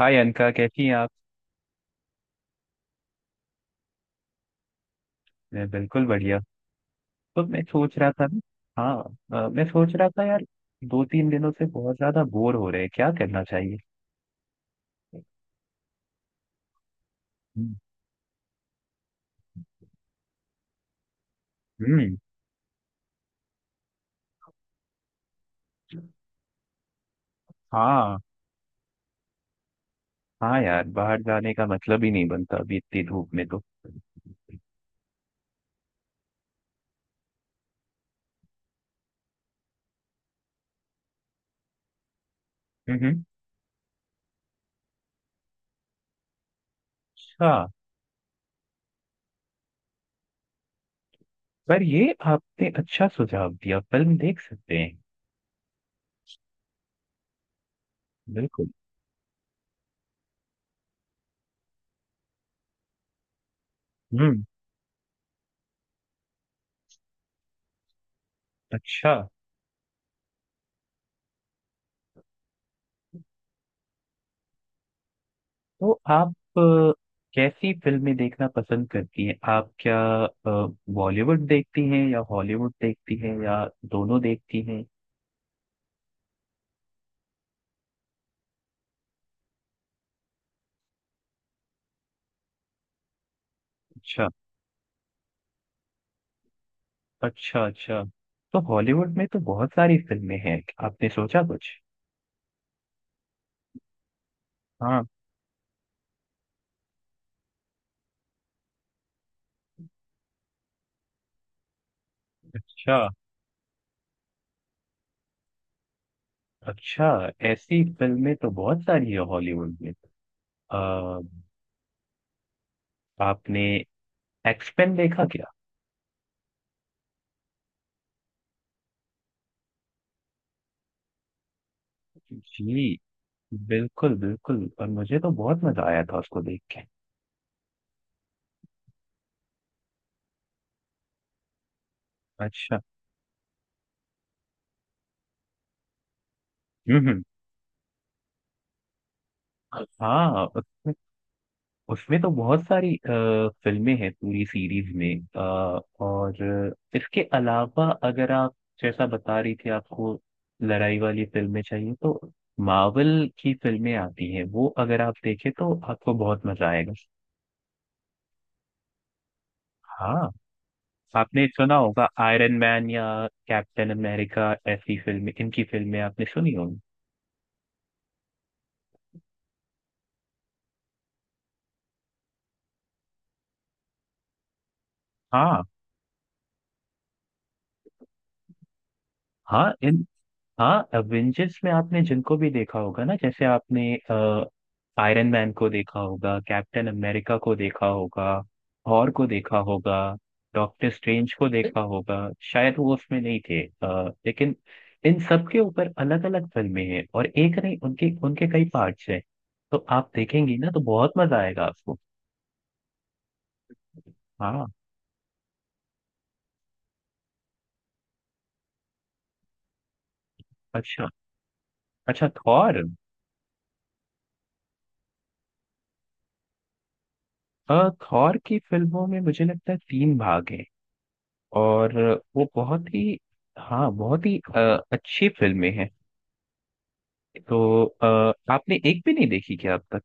हाय अनका, कैसी हैं आप। मैं बिल्कुल बढ़िया। तो मैं सोच रहा था ना। हाँ। मैं सोच रहा था यार, दो तीन दिनों से बहुत ज्यादा बोर हो रहे हैं, क्या करना चाहिए। हम्म। हम्म, हाँ। हाँ यार, बाहर जाने का मतलब ही नहीं बनता अभी इतनी धूप में तो। हम्म। अच्छा। पर ये आपने अच्छा सुझाव दिया, फिल्म देख सकते हैं। बिल्कुल। हम्म। अच्छा। तो आप अ, कैसी फिल्में देखना पसंद करती हैं आप, क्या अ, बॉलीवुड देखती हैं या हॉलीवुड देखती हैं या दोनों देखती हैं। अच्छा। अच्छा अच्छा। तो हॉलीवुड में तो बहुत सारी फिल्में हैं, आपने सोचा कुछ। हाँ। अच्छा। अच्छा, ऐसी फिल्में तो बहुत सारी है हॉलीवुड में। अ, आपने एक्सपेन देखा क्या। जी, बिल्कुल बिल्कुल, और मुझे तो बहुत मजा आया था उसको देख के। अच्छा। हम्म हम्म। हाँ, उसमें तो बहुत सारी फिल्में हैं पूरी सीरीज में। और इसके अलावा, अगर आप जैसा बता रही थी, आपको लड़ाई वाली फिल्में चाहिए तो मार्वल की फिल्में आती हैं, वो अगर आप देखें तो आपको बहुत मजा आएगा। हाँ, आपने सुना होगा आयरन मैन या कैप्टन अमेरिका, ऐसी फिल्में, इनकी फिल्में आपने सुनी होगी। हाँ हाँ इन हाँ, एवेंजर्स में आपने जिनको भी देखा होगा ना, जैसे आपने आयरन मैन को देखा होगा, कैप्टन अमेरिका को देखा होगा, थॉर को देखा होगा, डॉक्टर स्ट्रेंज को देखा होगा। शायद वो उसमें नहीं थे, लेकिन इन सब के ऊपर अलग अलग फिल्में हैं, और एक नहीं, उनके उनके कई पार्ट्स हैं। तो आप देखेंगी ना तो बहुत मजा आएगा आपको। हाँ। अच्छा। अच्छा थॉर। थॉर की फिल्मों में मुझे लगता है तीन भाग हैं। और वो बहुत ही, हाँ, बहुत ही अच्छी फिल्में हैं। तो आपने एक भी नहीं देखी क्या अब तक।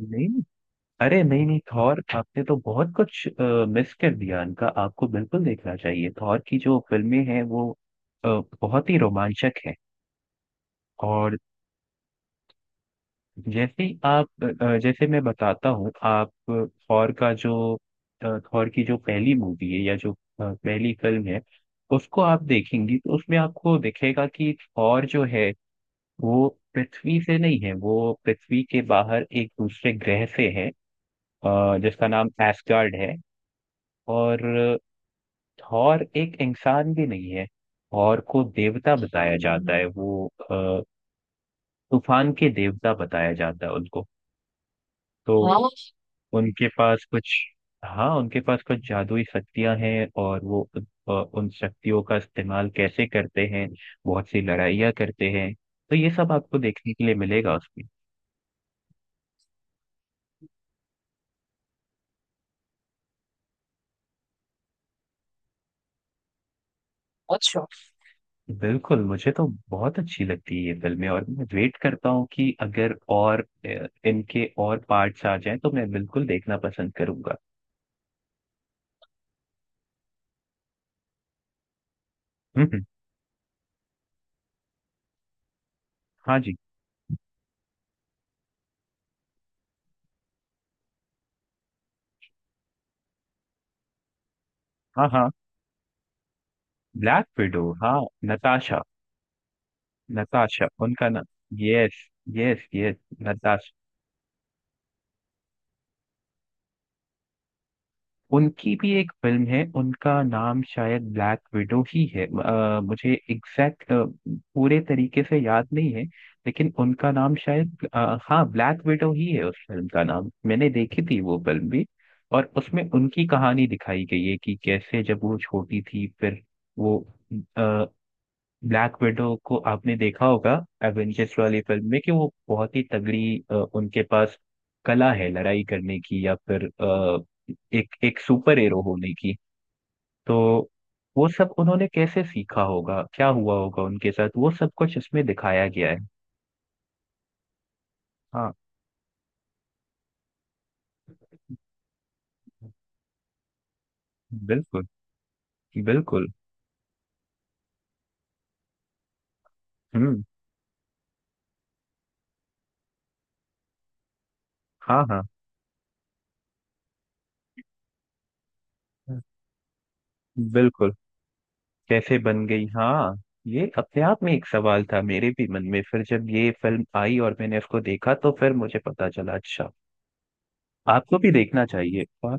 नहीं, अरे नहीं नहीं, थॉर आपने तो बहुत कुछ मिस कर दिया, इनका आपको बिल्कुल देखना चाहिए, थॉर की जो फिल्में हैं वो अ, बहुत ही रोमांचक है। और जैसे ही आप जैसे मैं बताता हूँ, आप थॉर की जो पहली मूवी है या जो पहली फिल्म है उसको आप देखेंगी तो उसमें आपको दिखेगा कि थॉर जो है वो पृथ्वी से नहीं है, वो पृथ्वी के बाहर एक दूसरे ग्रह से है, जिसका नाम एस्गार्ड है। और थॉर एक इंसान भी नहीं है, थॉर को देवता बताया जाता है, तूफान के देवता बताया जाता है उनको। तो हाँ, उनके पास कुछ हाँ, उनके पास कुछ जादुई शक्तियां हैं, और वो उन शक्तियों का इस्तेमाल कैसे करते हैं, बहुत सी लड़ाइयाँ करते हैं, तो ये सब आपको देखने के लिए मिलेगा उसमें। अच्छा, बिल्कुल, मुझे तो बहुत अच्छी लगती है ये फिल्में, और मैं वेट करता हूँ कि अगर और इनके और पार्ट्स आ जाएं तो मैं बिल्कुल देखना पसंद करूंगा। हम्म हम्म, हाँ जी। हाँ हाँ, ब्लैक विडो हाँ। नताशा। नताशा उनका नाम, यस, यस यस। उनकी भी एक फिल्म है, उनका नाम शायद ब्लैक विडो ही है, मुझे एग्जैक्ट पूरे तरीके से याद नहीं है, लेकिन उनका नाम शायद, हाँ, ब्लैक विडो ही है उस फिल्म का नाम, मैंने देखी थी वो फिल्म भी। और उसमें उनकी कहानी दिखाई गई है कि कैसे जब वो छोटी थी, फिर वो, ब्लैक विडो को आपने देखा होगा एवेंजर्स वाली फिल्म में कि वो बहुत ही तगड़ी, उनके पास कला है लड़ाई करने की, या फिर एक एक सुपर हीरो होने की। तो वो सब उन्होंने कैसे सीखा होगा, क्या हुआ होगा उनके साथ, वो सब कुछ इसमें दिखाया गया है। हाँ। बिल्कुल बिल्कुल। हम्म। हाँ हाँ बिल्कुल। कैसे बन गई, हाँ, ये अपने आप में एक सवाल था मेरे भी मन में, फिर जब ये फिल्म आई और मैंने इसको देखा तो फिर मुझे पता चला। अच्छा, आपको भी देखना चाहिए। और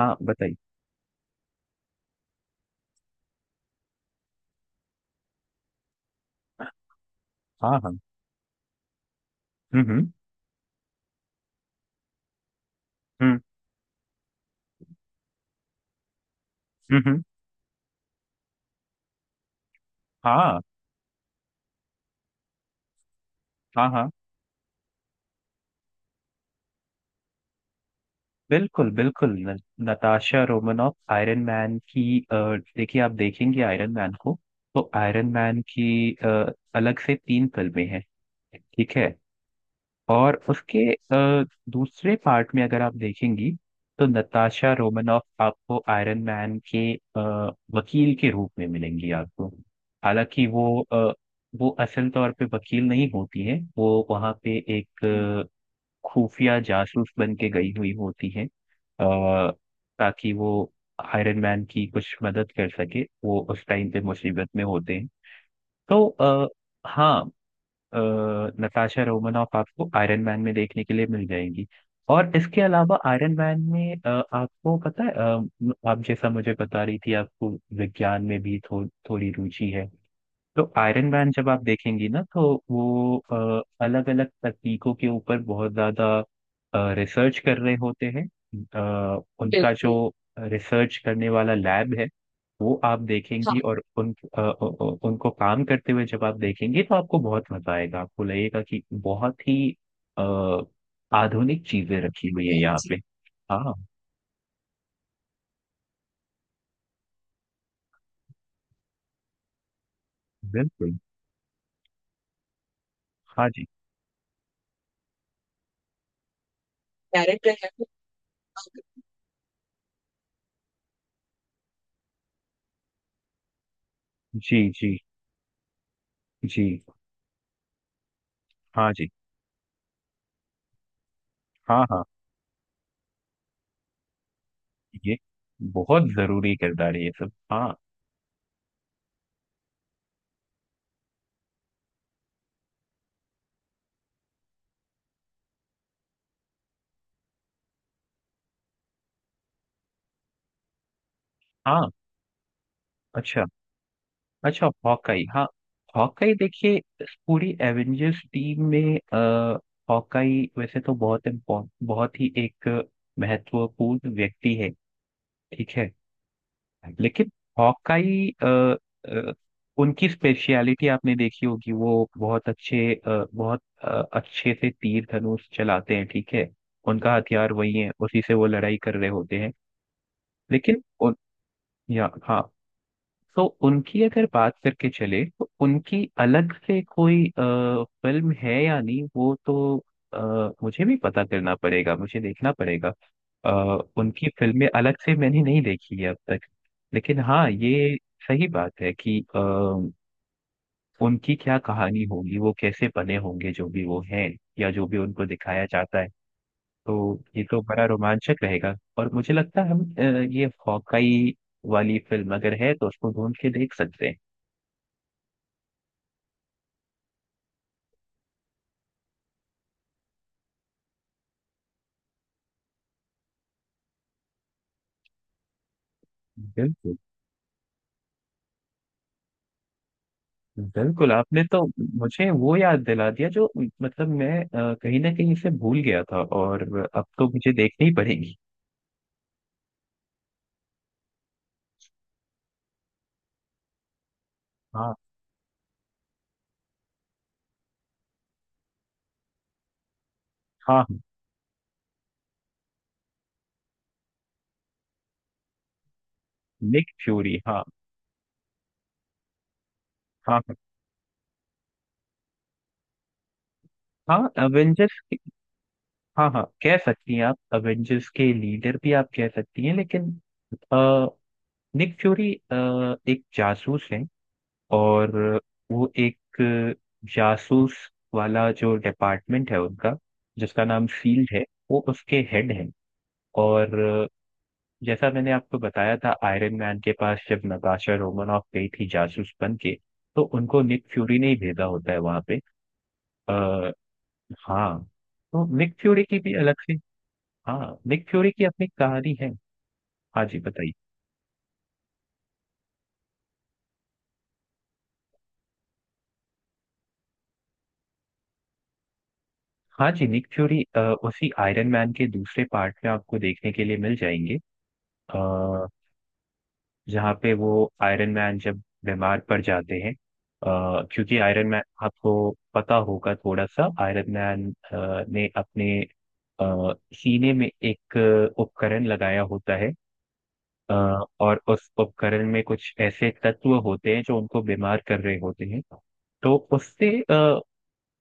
हाँ, बताइए। हाँ हाँ। हम्म हम्म हम्म हम्म हम्म, हाँ। हाँ हाँ। बिल्कुल बिल्कुल न, नताशा रोमनॉफ आयरन मैन की, देखिए, आप देखेंगे आयरन मैन को, तो आयरन मैन की अलग से तीन फिल्में हैं, ठीक है। और उसके दूसरे पार्ट में अगर आप देखेंगी तो नताशा रोमनॉफ आपको आयरन मैन के वकील के रूप में मिलेंगी आपको। हालांकि वो असल तौर पे वकील नहीं होती है, वो वहाँ पे एक खुफिया जासूस बन के गई हुई होती है, ताकि वो आयरन मैन की कुछ मदद कर सके, वो उस टाइम पे मुसीबत में होते हैं। तो आ, हाँ, नताशा रोमानॉफ आपको आयरन मैन में देखने के लिए मिल जाएगी। और इसके अलावा आयरन मैन में, आपको पता है, आप जैसा मुझे बता रही थी, आपको विज्ञान में भी थोड़ी रुचि है, तो आयरन मैन जब आप देखेंगी ना तो वो अलग अलग तकनीकों के ऊपर बहुत ज्यादा रिसर्च कर रहे होते हैं। उनका बिल्कुल जो रिसर्च करने वाला लैब है, वो आप देखेंगी। हाँ, और उन अ, अ, अ, उनको काम करते हुए जब आप देखेंगी तो आपको बहुत मजा आएगा, आपको लगेगा कि बहुत ही अ, आधुनिक चीजें रखी हुई है यहाँ जी पे। हाँ। बिल्कुल। हाँ जी। कैरेक्टर है वो। जी जी। जी। हाँ जी। हाँ हाँ, ये बहुत जरूरी किरदार है ये सब, हाँ। हाँ। अच्छा। अच्छा हॉकाई, हाँ। हॉकाई देखिए, इस पूरी एवेंजर्स टीम में हॉकाई वैसे तो बहुत ही एक महत्वपूर्ण व्यक्ति है, ठीक है। लेकिन हॉकाई, अ, उनकी स्पेशलिटी आपने देखी होगी, वो बहुत अच्छे अ, बहुत अ, अच्छे से तीर धनुष चलाते हैं, ठीक है। उनका हथियार वही है, उसी से वो लड़ाई कर रहे होते हैं। लेकिन उन या हाँ, तो उनकी अगर बात करके चले तो उनकी अलग से कोई फिल्म है या नहीं वो तो आ, मुझे भी पता करना पड़ेगा, मुझे देखना पड़ेगा। आ, उनकी फिल्में अलग से मैंने नहीं देखी है अब तक। लेकिन हाँ, ये सही बात है कि उनकी क्या कहानी होगी, वो कैसे बने होंगे जो भी वो हैं, या जो भी उनको दिखाया जाता है, तो ये तो बड़ा रोमांचक रहेगा। और मुझे लगता है हम, ये हॉकाई वाली फिल्म अगर है तो उसको ढूंढ के देख सकते हैं। बिल्कुल बिल्कुल, आपने तो मुझे वो याद दिला दिया जो, मतलब मैं कहीं ना कहीं से भूल गया था, और अब तो मुझे देखनी ही पड़ेगी। हाँ हाँ। निक फ्यूरी, हाँ। हाँ हाँ अवेंजर्स, हाँ हाँ, कह सकती हैं आप, अवेंजर्स के लीडर भी आप कह सकती हैं, लेकिन आ, निक फ्यूरी एक जासूस है, और वो एक जासूस वाला जो डिपार्टमेंट है उनका, जिसका नाम फील्ड है, वो उसके हेड है। और जैसा मैंने आपको बताया था, आयरन मैन के पास जब नताशा रोमानॉफ गई थी जासूस बन के, तो उनको निक फ्यूरी ने ही भेजा होता है वहां पे। आ, हाँ, तो निक फ्यूरी की भी अलग से, हाँ, निक फ्यूरी की अपनी कहानी है। हाँ जी बताइए। हाँ जी, निक फ्यूरी उसी आयरन मैन के दूसरे पार्ट में आपको देखने के लिए मिल जाएंगे। आ, जहाँ पे वो, आयरन मैन जब बीमार पड़ जाते हैं, क्योंकि आयरन मैन आपको पता होगा, थोड़ा सा आयरन मैन ने अपने सीने में एक उपकरण लगाया होता है, अ, और उस उपकरण में कुछ ऐसे तत्व होते हैं जो उनको बीमार कर रहे होते हैं। तो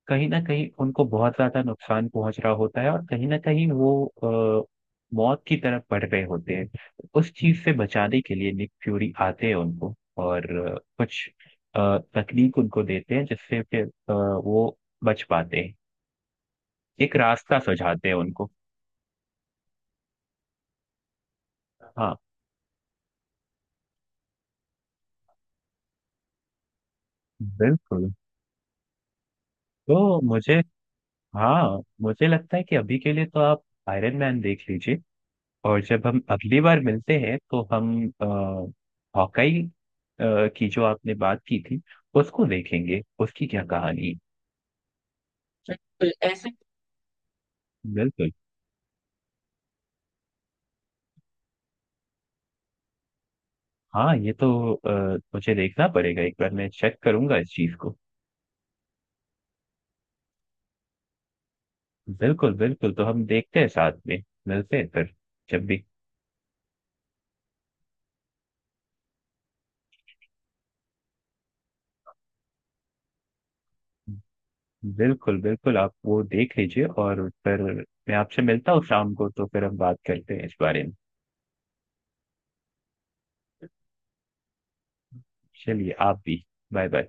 कहीं ना कहीं उनको बहुत ज्यादा नुकसान पहुंच रहा होता है, और कहीं ना कहीं वो अ, मौत की तरफ बढ़ रहे होते हैं। उस चीज से बचाने के लिए निक फ्यूरी आते हैं उनको, और तकनीक उनको देते हैं, जिससे फिर वो बच पाते हैं, एक रास्ता सुझाते हैं उनको। हाँ बिल्कुल। तो मुझे, हाँ, मुझे लगता है कि अभी के लिए तो आप आयरन मैन देख लीजिए, और जब हम अगली बार मिलते हैं तो हम हॉकाई की जो आपने बात की थी उसको देखेंगे, उसकी क्या कहानी है। बिल्कुल ऐसा। बिल्कुल। हाँ ये तो मुझे देखना पड़ेगा, एक बार मैं चेक करूंगा इस चीज को। बिल्कुल बिल्कुल, तो हम देखते हैं साथ में, मिलते हैं फिर जब भी। बिल्कुल बिल्कुल, आप वो देख लीजिए और फिर मैं आपसे मिलता हूँ शाम को, तो फिर हम बात करते हैं इस बारे में। चलिए, आप भी। Bye bye.